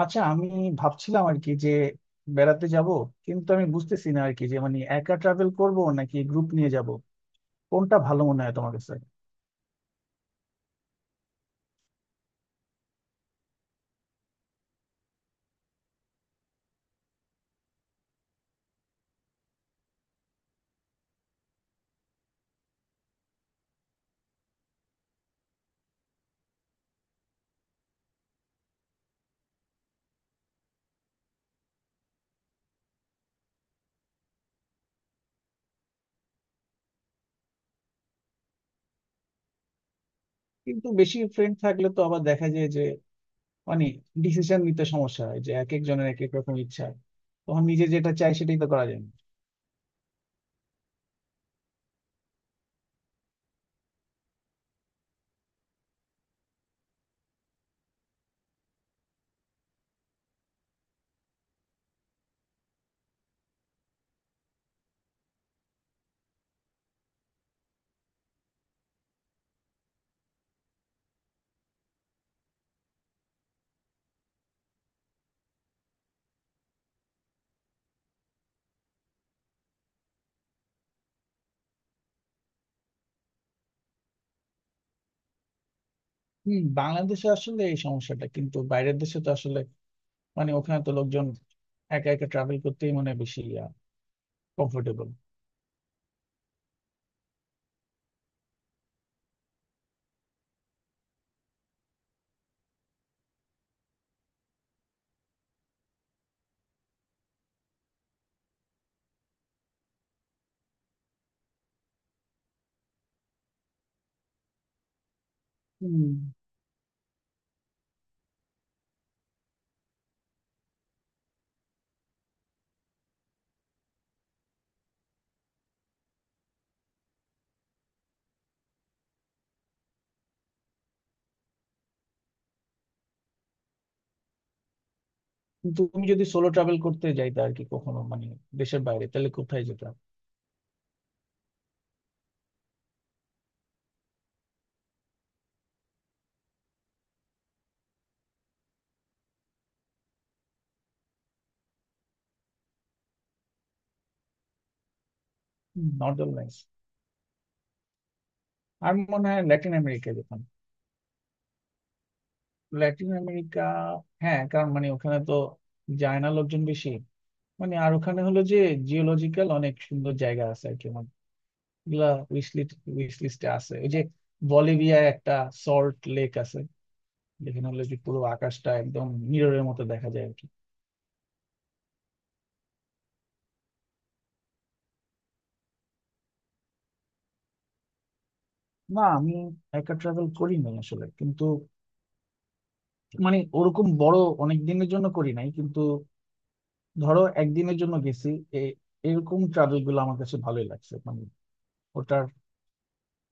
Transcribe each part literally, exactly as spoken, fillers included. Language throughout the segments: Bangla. আচ্ছা আমি ভাবছিলাম আর কি যে বেড়াতে যাব, কিন্তু আমি বুঝতেছি না আর কি যে মানে একা ট্রাভেল করব নাকি গ্রুপ নিয়ে যাব। কোনটা ভালো মনে হয় তোমার কাছে? কিন্তু বেশি ফ্রেন্ড থাকলে তো আবার দেখা যায় যে মানে ডিসিশন নিতে সমস্যা হয়, যে এক একজনের এক এক রকম ইচ্ছা। তখন নিজে যেটা চাই সেটাই তো করা যায় না। হম, বাংলাদেশে আসলে এই সমস্যাটা, কিন্তু বাইরের দেশে তো আসলে মানে ওখানে তো লোকজন একা একা ট্রাভেল করতেই মানে বেশি কমফোর্টেবল। কিন্তু তুমি যদি সোলো ট্রাভেল করতে যাইতে আর কি কখনো মানে দেশের বাইরে, তাহলে কোথায় যেতে? Northern lights. আর মনে হয় ল্যাটিন আমেরিকা যেতাম। Latin America. হ্যাঁ, কারণ মানে ওখানে তো যায় না লোকজন বেশি। মানে আর ওখানে হলো যে জিওলজিক্যাল অনেক সুন্দর জায়গা আছে আর কি। আমার এগুলা উইশ লিস্ট, উইশ লিস্টে আছে ওই যে বলিভিয়ায় একটা সল্ট লেক আছে, যেখানে হলো যে পুরো আকাশটা একদম মিররের মতো দেখা যায় আর কি। না, আমি একা ট্রাভেল করিনি আসলে, কিন্তু মানে ওরকম বড় অনেক দিনের জন্য করি নাই। কিন্তু ধরো একদিনের জন্য গেছি। এ- এরকম ট্রাভেল গুলো আমার কাছে ভালোই লাগছে, মানে ওটার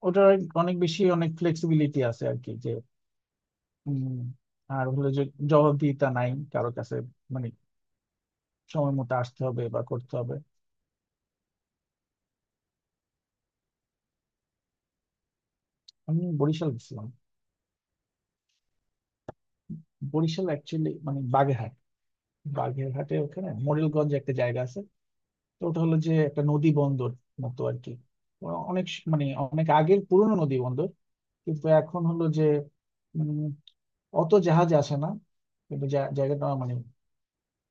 ওটার অনেক বেশি অনেক ফ্লেক্সিবিলিটি আছে আর কি, যে উম, আর হলো যে জবাবদিহিতা নাই কারো কাছে। মানে সময় মতো আসতে হবে বা করতে হবে। আমি বরিশাল গেছিলাম। বরিশাল অ্যাকচুয়ালি মানে বাগেরহাট। বাগেরহাটে ওখানে মোরেলগঞ্জ একটা জায়গা আছে। তো ওটা হলো যে একটা নদী বন্দর মতো আর কি। অনেক স- মানে অনেক আগের পুরনো নদী বন্দর। কিন্তু এখন হলো যে উম, অত জাহাজ আসে না। কিন্তু জা- জায়গাটা আমার, মানে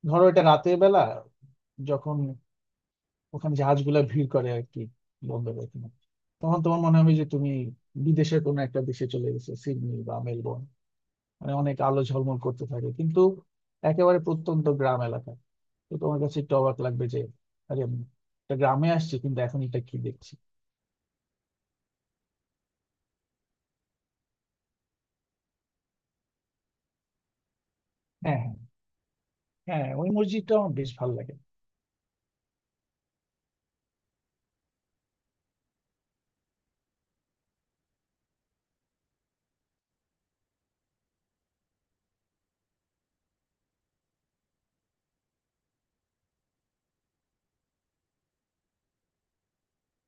ধরো এটা রাতের বেলা, যখন ওখানে জাহাজগুলো ভিড় করে আর কি বন্দরে এখানে, তখন তোমার মনে হবে যে তুমি বিদেশের কোনো একটা দেশে চলে গেছো, সিডনি বা মেলবোর্ন। মানে অনেক আলো ঝলমল করতে থাকে, কিন্তু একেবারে প্রত্যন্ত গ্রাম এলাকা। তো তোমার কাছে একটু অবাক লাগবে যে, আরে আমি একটা গ্রামে আসছি, কিন্তু এখন এটা কি দেখছি। হ্যাঁ হ্যাঁ হ্যাঁ, ওই মসজিদটা আমার বেশ ভালো লাগে।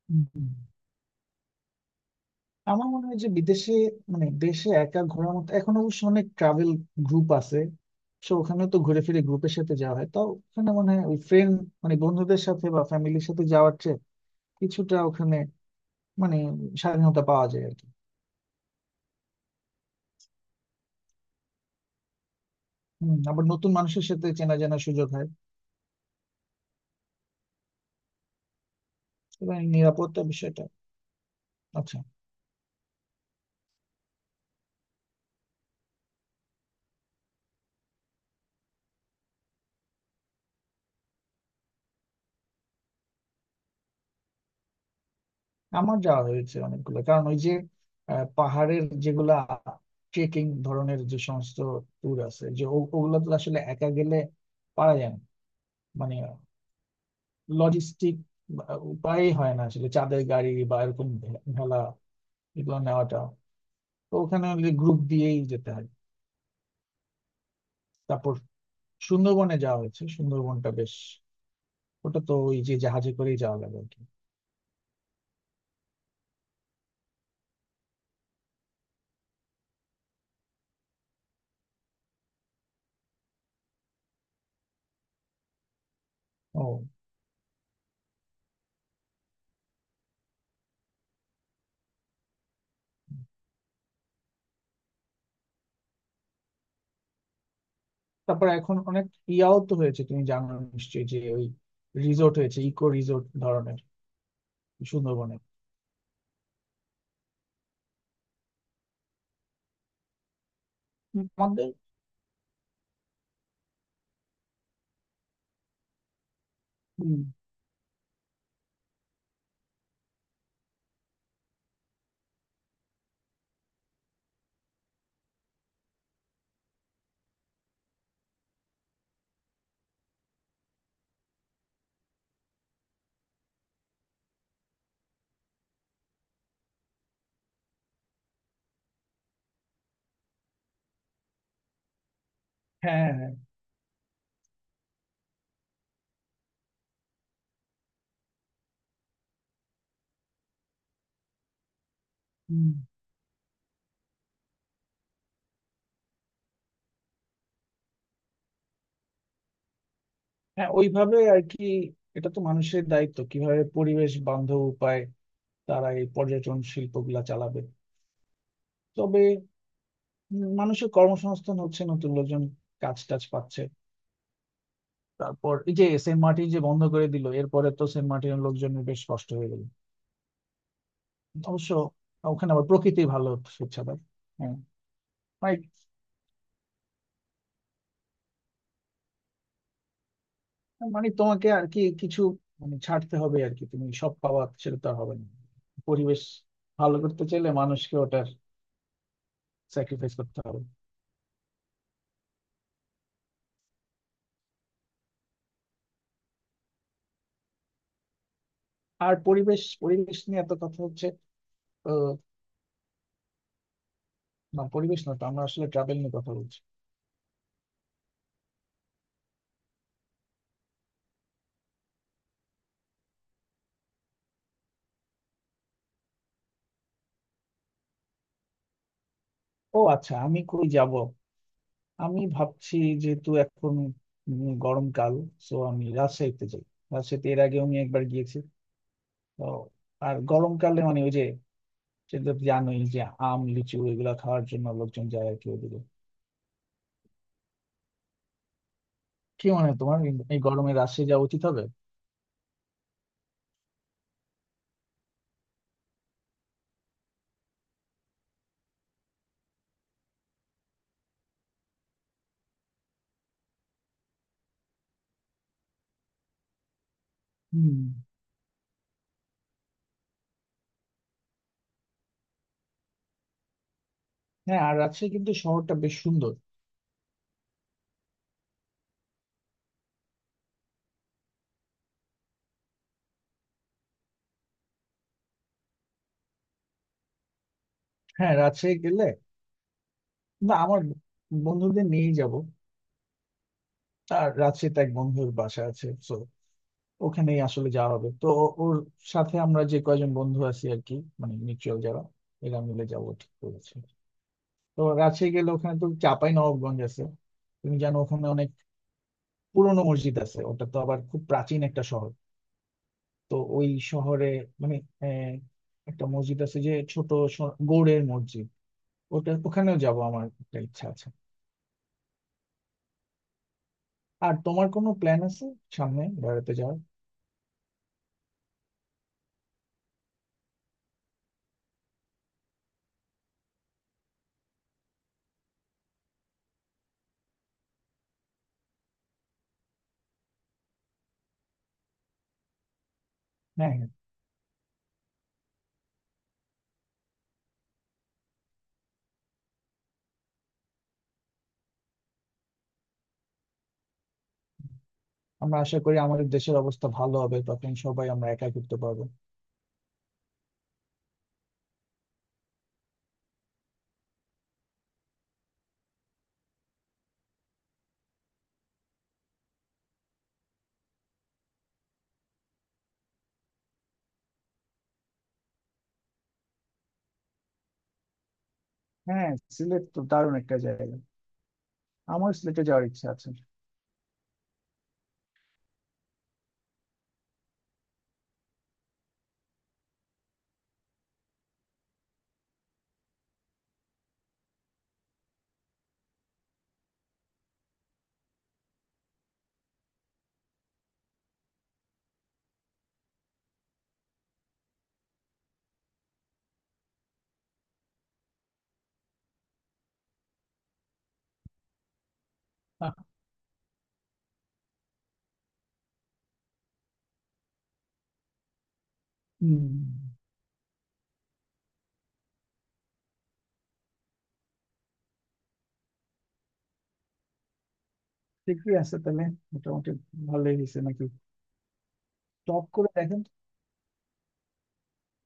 হুম, হুম। আমার মনে হয় যে বিদেশে মানে দেশে একা ঘোরার মতো, এখন অবশ্য অনেক ট্রাভেল গ্রুপ আছে। সো ওখানে তো ঘুরে ফিরে গ্রুপের সাথে যাওয়া হয়, তাও ওখানে মানে ওই ফ্রেন্ড মানে বন্ধুদের সাথে বা ফ্যামিলির সাথে যাওয়ার চেয়ে কিছুটা ওখানে মানে স্বাধীনতা পাওয়া যায় আর কি। হম, আবার নতুন মানুষের সাথে চেনা জানার সুযোগ হয়। এবং এই নিরাপত্তা বিষয়টা। আচ্ছা। আমার যাওয়া হয়েছে অনেকগুলো, কারণ ওই যে আহ, পাহাড়ের যেগুলা ট্রেকিং ধরনের যে সমস্ত ট্যুর আছে, যে ও- ওগুলো তো আসলে একা গেলে পারা যায় না। মানে লজিস্টিক উপায়ই হয় না আসলে, চাঁদের গাড়ি বা এরকম ভে- ভেলা এগুলো নেওয়াটা, তো ওখানে গ্রুপ দিয়েই যেতে হয়। তারপর সুন্দরবনে যাওয়া হয়েছে, সুন্দরবনটা বেশ, ওটা তো ওই যে জাহাজে করেই যাওয়া লাগে আর কি। ও, তারপর এখন অনেক ইয়াও তো হয়েছে, তুমি জানো নিশ্চয়ই যে ওই রিসোর্ট হয়েছে, ইকো রিসোর্ট ধরনের সুন্দরবনে। আমাদের। হুম, হ্যাঁ হ্যাঁ হ্যাঁ, হুম, হ্যাঁ ওইভাবে আর কি। এটা তো মানুষের দায়িত্ব কিভাবে পরিবেশ বান্ধব উপায় তারা এই পর্যটন শিল্পগুলা চালাবে। তবে উম, মানুষের কর্মসংস্থান হচ্ছে, নতুন লোকজন কাজ টাজ পাচ্ছে। তারপর এই যে সেন্ট মার্টিন যে বন্ধ করে দিল, এরপরে তো সেন্ট মার্টিনের লোকজনের বেশ কষ্ট হয়ে গেল অবশ্য। ওখানে আবার প্রকৃতি ভালো, স্বেচ্ছাদার। হ্যাঁ, মানে, মানে তোমাকে আর কি কিছু মানে ছাড়তে হবে আর কি, তুমি সব পাওয়া সেটা তো আর হবে না। পরিবেশ ভালো করতে চাইলে মানুষকে ওটার স্যাক্রিফাইস করতে হবে। আর পরিবেশ পরিবেশ নিয়ে এত কথা হচ্ছে তো। না পরিবেশ না, তো আমরা আসলে ট্রাভেল নিয়ে কথা বলছি। ও আচ্ছা, আমি কই যাব? আমি ভাবছি যেহেতু এখন উম গরমকাল, তো আমি রাজশাহীতে যাই। রাজশাহীতে এর আগেও আমি একবার গিয়েছি। তো আর গরমকালে মানে ওই যে সেটা তো জানোই যে আম লিচু এগুলা খাওয়ার জন্য লোকজন যায় আর কি ওইদিকে। কি মনে হয় তোমার, এই এই গরমে রাজশাহী যাওয়া উচিত হবে? হুম। হ্যাঁ, আর রাজশাহী কিন্তু শহরটা বেশ সুন্দর। হ্যাঁ রাজশাহী গেলে, না আমার বন্ধুদের নিয়েই যাব। আর রাজশাহীতে এক বন্ধুর বাসা আছে, so ওখানেই আসলে যাওয়া হবে তো। ওর সাথে আমরা যে কয়জন বন্ধু আছি আর কি, মানে মিউচুয়াল যারা, এরা মিলে যাবো ঠিক করেছি। তো রাজশাহী গেলে ওখানে তো চাঁপাই নবাবগঞ্জ আছে। তুমি জানো ওখানে অনেক পুরনো মসজিদ আছে। ওটা তো আবার খুব প্রাচীন একটা শহর। তো ওই শহরে মানে আহ, একটা মসজিদ আছে, যে ছোট স- গৌড়ের মসজিদ, ওটা ওখানেও যাব, আমার একটা ইচ্ছা আছে। আর তোমার কোনো প্ল্যান আছে সামনে বেড়াতে যাওয়ার? হ্যাঁ হ্যাঁ। আমরা আশা করি আমাদের দেশের অবস্থা ভালো হবে, তখন সবাই আমরা একা ঘুরতে পারবো। হ্যাঁ, সিলেট তো দারুণ একটা জায়গা। আমার সিলেটে যাওয়ার ইচ্ছা আছে। আহ, হুম, ঠিকই আছে তাহলে। মোটামুটি ভালোই হয়েছে নাকি। টপ করে দেখেন।